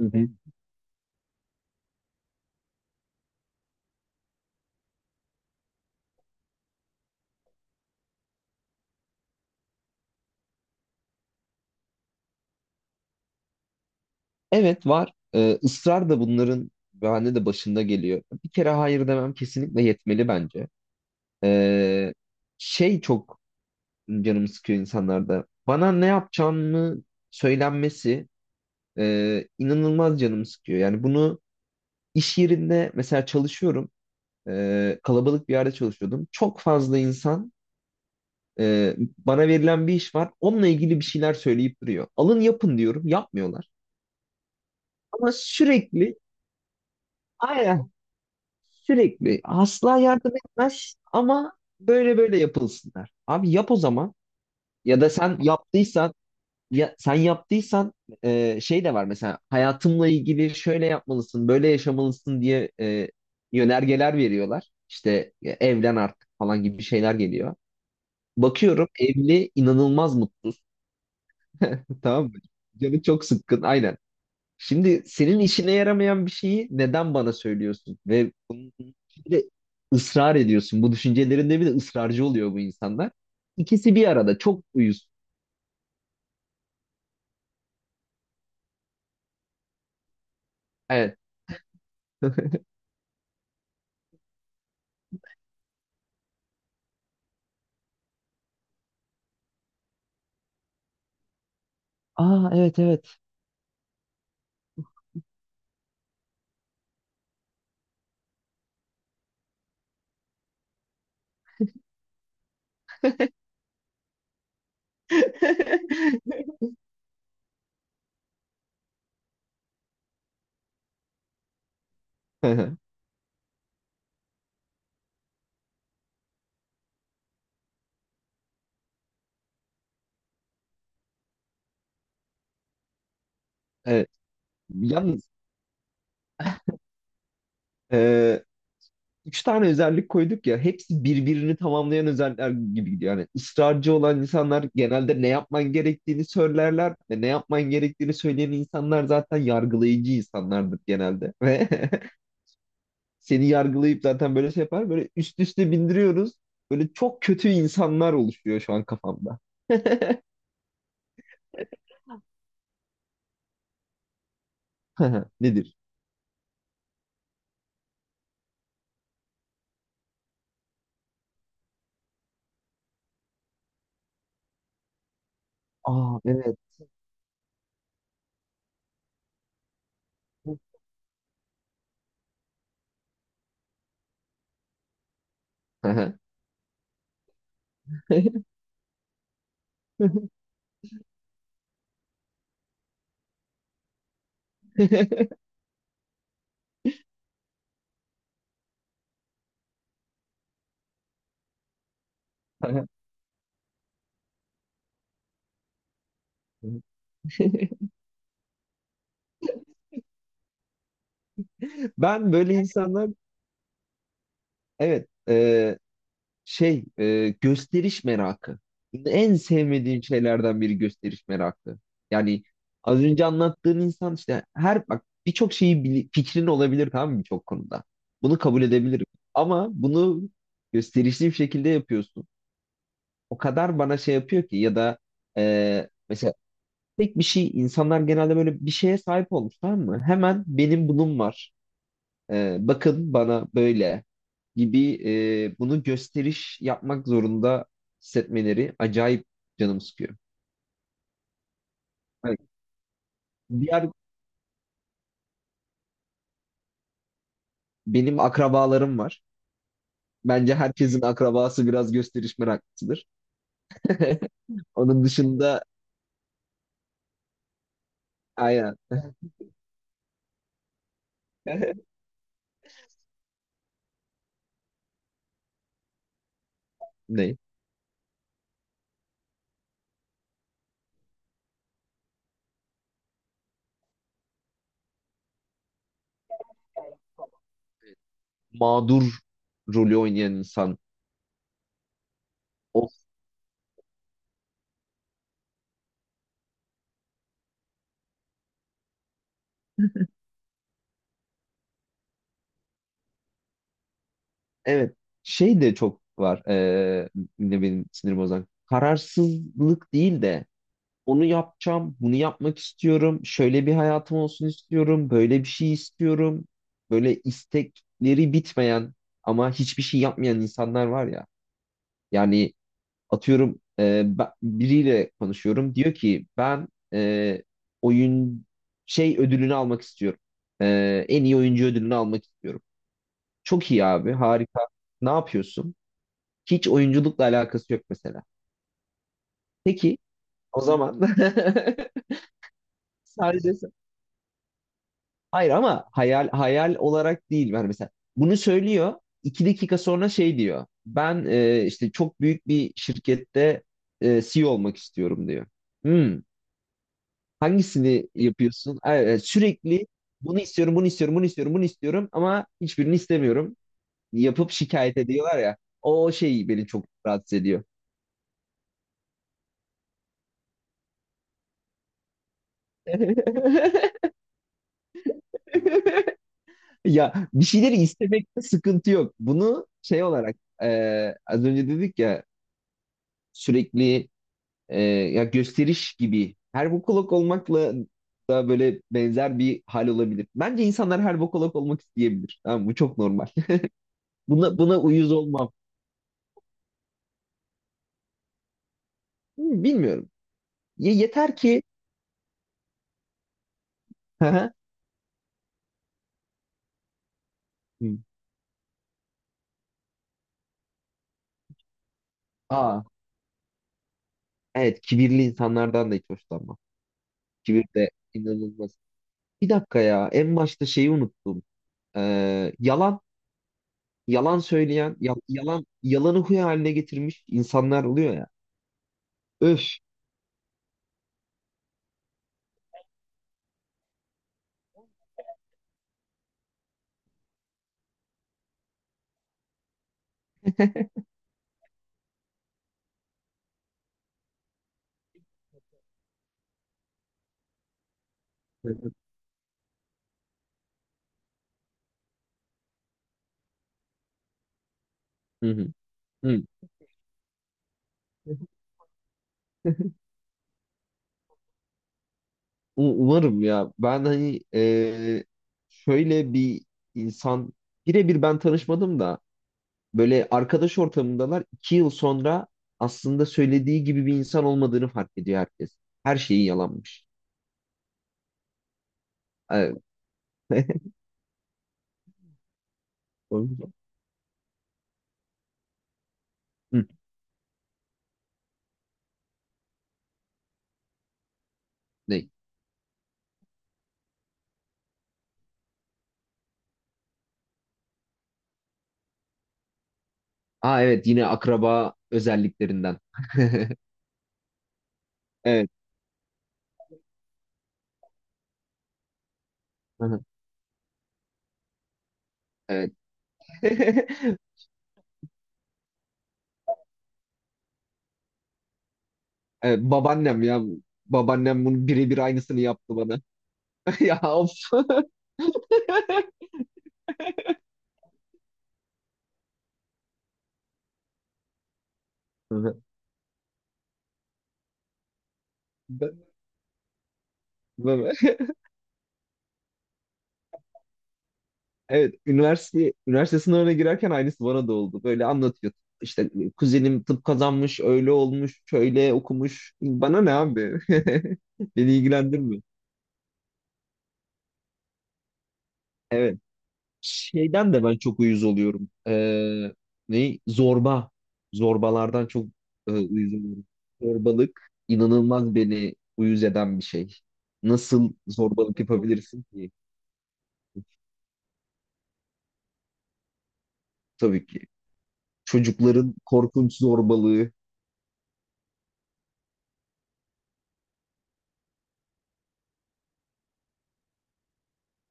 Hı hı. Evet var. Israr da bunların bahane de başında geliyor. Bir kere hayır demem kesinlikle yetmeli bence. Ee, şey çok canımı sıkıyor insanlarda. Bana ne yapacağımı söylenmesi inanılmaz canımı sıkıyor. Yani bunu iş yerinde mesela çalışıyorum. Kalabalık bir yerde çalışıyordum. Çok fazla insan bana verilen bir iş var. Onunla ilgili bir şeyler söyleyip duruyor. Alın yapın diyorum. Yapmıyorlar. Ama sürekli, aynen, sürekli asla yardım etmez ama böyle böyle yapılsınlar. Abi yap o zaman, ya da sen yaptıysan, ya sen yaptıysan, şey de var mesela hayatımla ilgili şöyle yapmalısın, böyle yaşamalısın diye yönergeler veriyorlar. İşte evlen artık falan gibi şeyler geliyor. Bakıyorum, evli inanılmaz mutsuz. Tamam mı? Canı çok sıkkın. Aynen. Şimdi senin işine yaramayan bir şeyi neden bana söylüyorsun? Ve bunun bir de ısrar ediyorsun. Bu düşüncelerinde bir de ısrarcı oluyor bu insanlar. İkisi bir arada çok uyuz. Evet. Aa, evet evet. Evet. Yalnız e, üç tane özellik koyduk ya, hepsi birbirini tamamlayan özellikler gibi gidiyor. Yani ısrarcı olan insanlar genelde ne yapman gerektiğini söylerler ve ne yapman gerektiğini söyleyen insanlar zaten yargılayıcı insanlardır genelde. Ve seni yargılayıp zaten böyle şey yapar. Böyle üst üste bindiriyoruz. Böyle çok kötü insanlar oluşuyor şu an kafamda. Nedir? Aa, evet. Ben böyle insanlar, evet, şey, gösteriş merakı. En sevmediğim şeylerden biri gösteriş merakı. Yani az önce anlattığın insan işte, her bak, birçok şeyi fikrin olabilir tamam mı, birçok konuda. Bunu kabul edebilirim. Ama bunu gösterişli bir şekilde yapıyorsun. O kadar bana şey yapıyor ki, ya da mesela tek bir şey, insanlar genelde böyle bir şeye sahip olmuş tamam mı? Hemen benim bunun var. Bakın bana böyle gibi, bunu gösteriş yapmak zorunda hissetmeleri acayip canım sıkıyor. Hani diğer benim akrabalarım var. Bence herkesin akrabası biraz gösteriş meraklısıdır. Onun dışında, aynen. Ne? Mağdur rolü oynayan insan. O, evet. Şey de çok var. Yine benim sinir bozan. Kararsızlık değil de, onu yapacağım, bunu yapmak istiyorum, şöyle bir hayatım olsun istiyorum, böyle bir şey istiyorum. Böyle istekleri bitmeyen ama hiçbir şey yapmayan insanlar var ya. Yani atıyorum, biriyle konuşuyorum. Diyor ki ben, e, oyun şey ödülünü almak istiyorum. En iyi oyuncu ödülünü almak istiyorum. Çok iyi abi, harika. Ne yapıyorsun? Hiç oyunculukla alakası yok mesela. Peki, o zaman. Sadece. Hayır, ama hayal hayal olarak değil. Yani mesela bunu söylüyor. İki dakika sonra şey diyor. Ben, işte çok büyük bir şirkette CEO olmak istiyorum diyor. Hmm, hangisini yapıyorsun? Sürekli bunu istiyorum, bunu istiyorum, bunu istiyorum, bunu istiyorum ama hiçbirini istemiyorum. Yapıp şikayet ediyorlar ya. O şey beni çok rahatsız ediyor. Ya bir şeyleri istemekte sıkıntı yok. Bunu şey olarak, e, az önce dedik ya, sürekli, ya gösteriş gibi, her bokolog olmakla da böyle benzer bir hal olabilir. Bence insanlar her bokolog olmak isteyebilir. Tamam, bu çok normal. Buna uyuz olmam. Hmm. Bilmiyorum. Yeter ki. Hı hı. Hmm. Aa, evet, kibirli insanlardan da hiç hoşlanmam. Kibir de inanılmaz. Bir dakika ya, en başta şeyi unuttum. Ee, yalan yalan söyleyen, yalan yalanı huy haline getirmiş insanlar oluyor ya. Öf. Hı hı. Hı. Umarım ya. Ben hani, şöyle bir insan birebir ben tanışmadım da böyle arkadaş ortamındalar, iki yıl sonra aslında söylediği gibi bir insan olmadığını fark ediyor herkes. Her şeyi yalanmış. Evet. O yüzden- Hı, ne? Aa, evet, yine akraba özelliklerinden. Evet. Aha. Evet. Evet, babaannem ya. Babaannem bunun birebir aynısını yaptı bana. Ya of. Hı hı. Ben- ben- Evet, üniversite sınavına girerken aynısı bana da oldu. Böyle anlatıyor. İşte kuzenim tıp kazanmış, öyle olmuş, şöyle okumuş. Bana ne abi? Beni ilgilendirmiyor. Evet. Şeyden de ben çok uyuz oluyorum. Ne? Zorba. Zorbalardan çok uyuz oluyorum. Zorbalık inanılmaz beni uyuz eden bir şey. Nasıl zorbalık yapabilirsin ki? Tabii ki. Çocukların korkunç zorbalığı.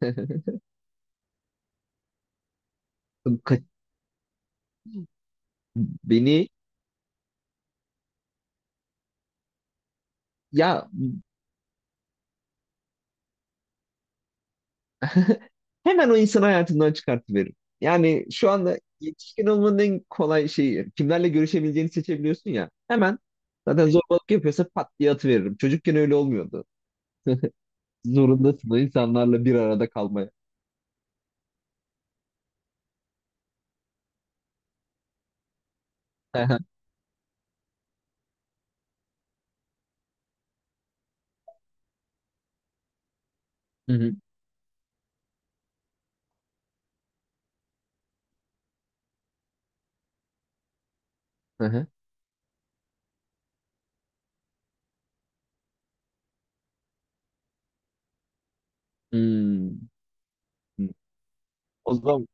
Ka- Beni ya. Hemen o insan hayatından çıkartıverir. Yani şu anda yetişkin olmanın en kolay şeyi, kimlerle görüşebileceğini seçebiliyorsun ya. Hemen, zaten zorbalık yapıyorsa pat diye atıveririm. Çocukken öyle olmuyordu. Zorundasın o insanlarla bir arada kalmaya. Hı hı, hı hı. Hmm. O zaman.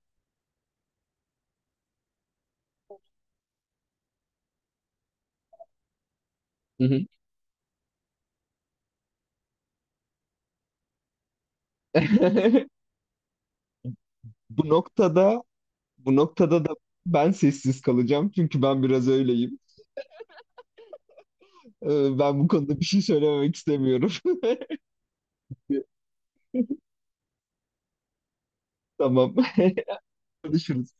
Hı hı. bu noktada bu noktada da ben sessiz kalacağım çünkü ben biraz öyleyim. Ben bu konuda bir şey söylememek istemiyorum. Tamam. Konuşuruz.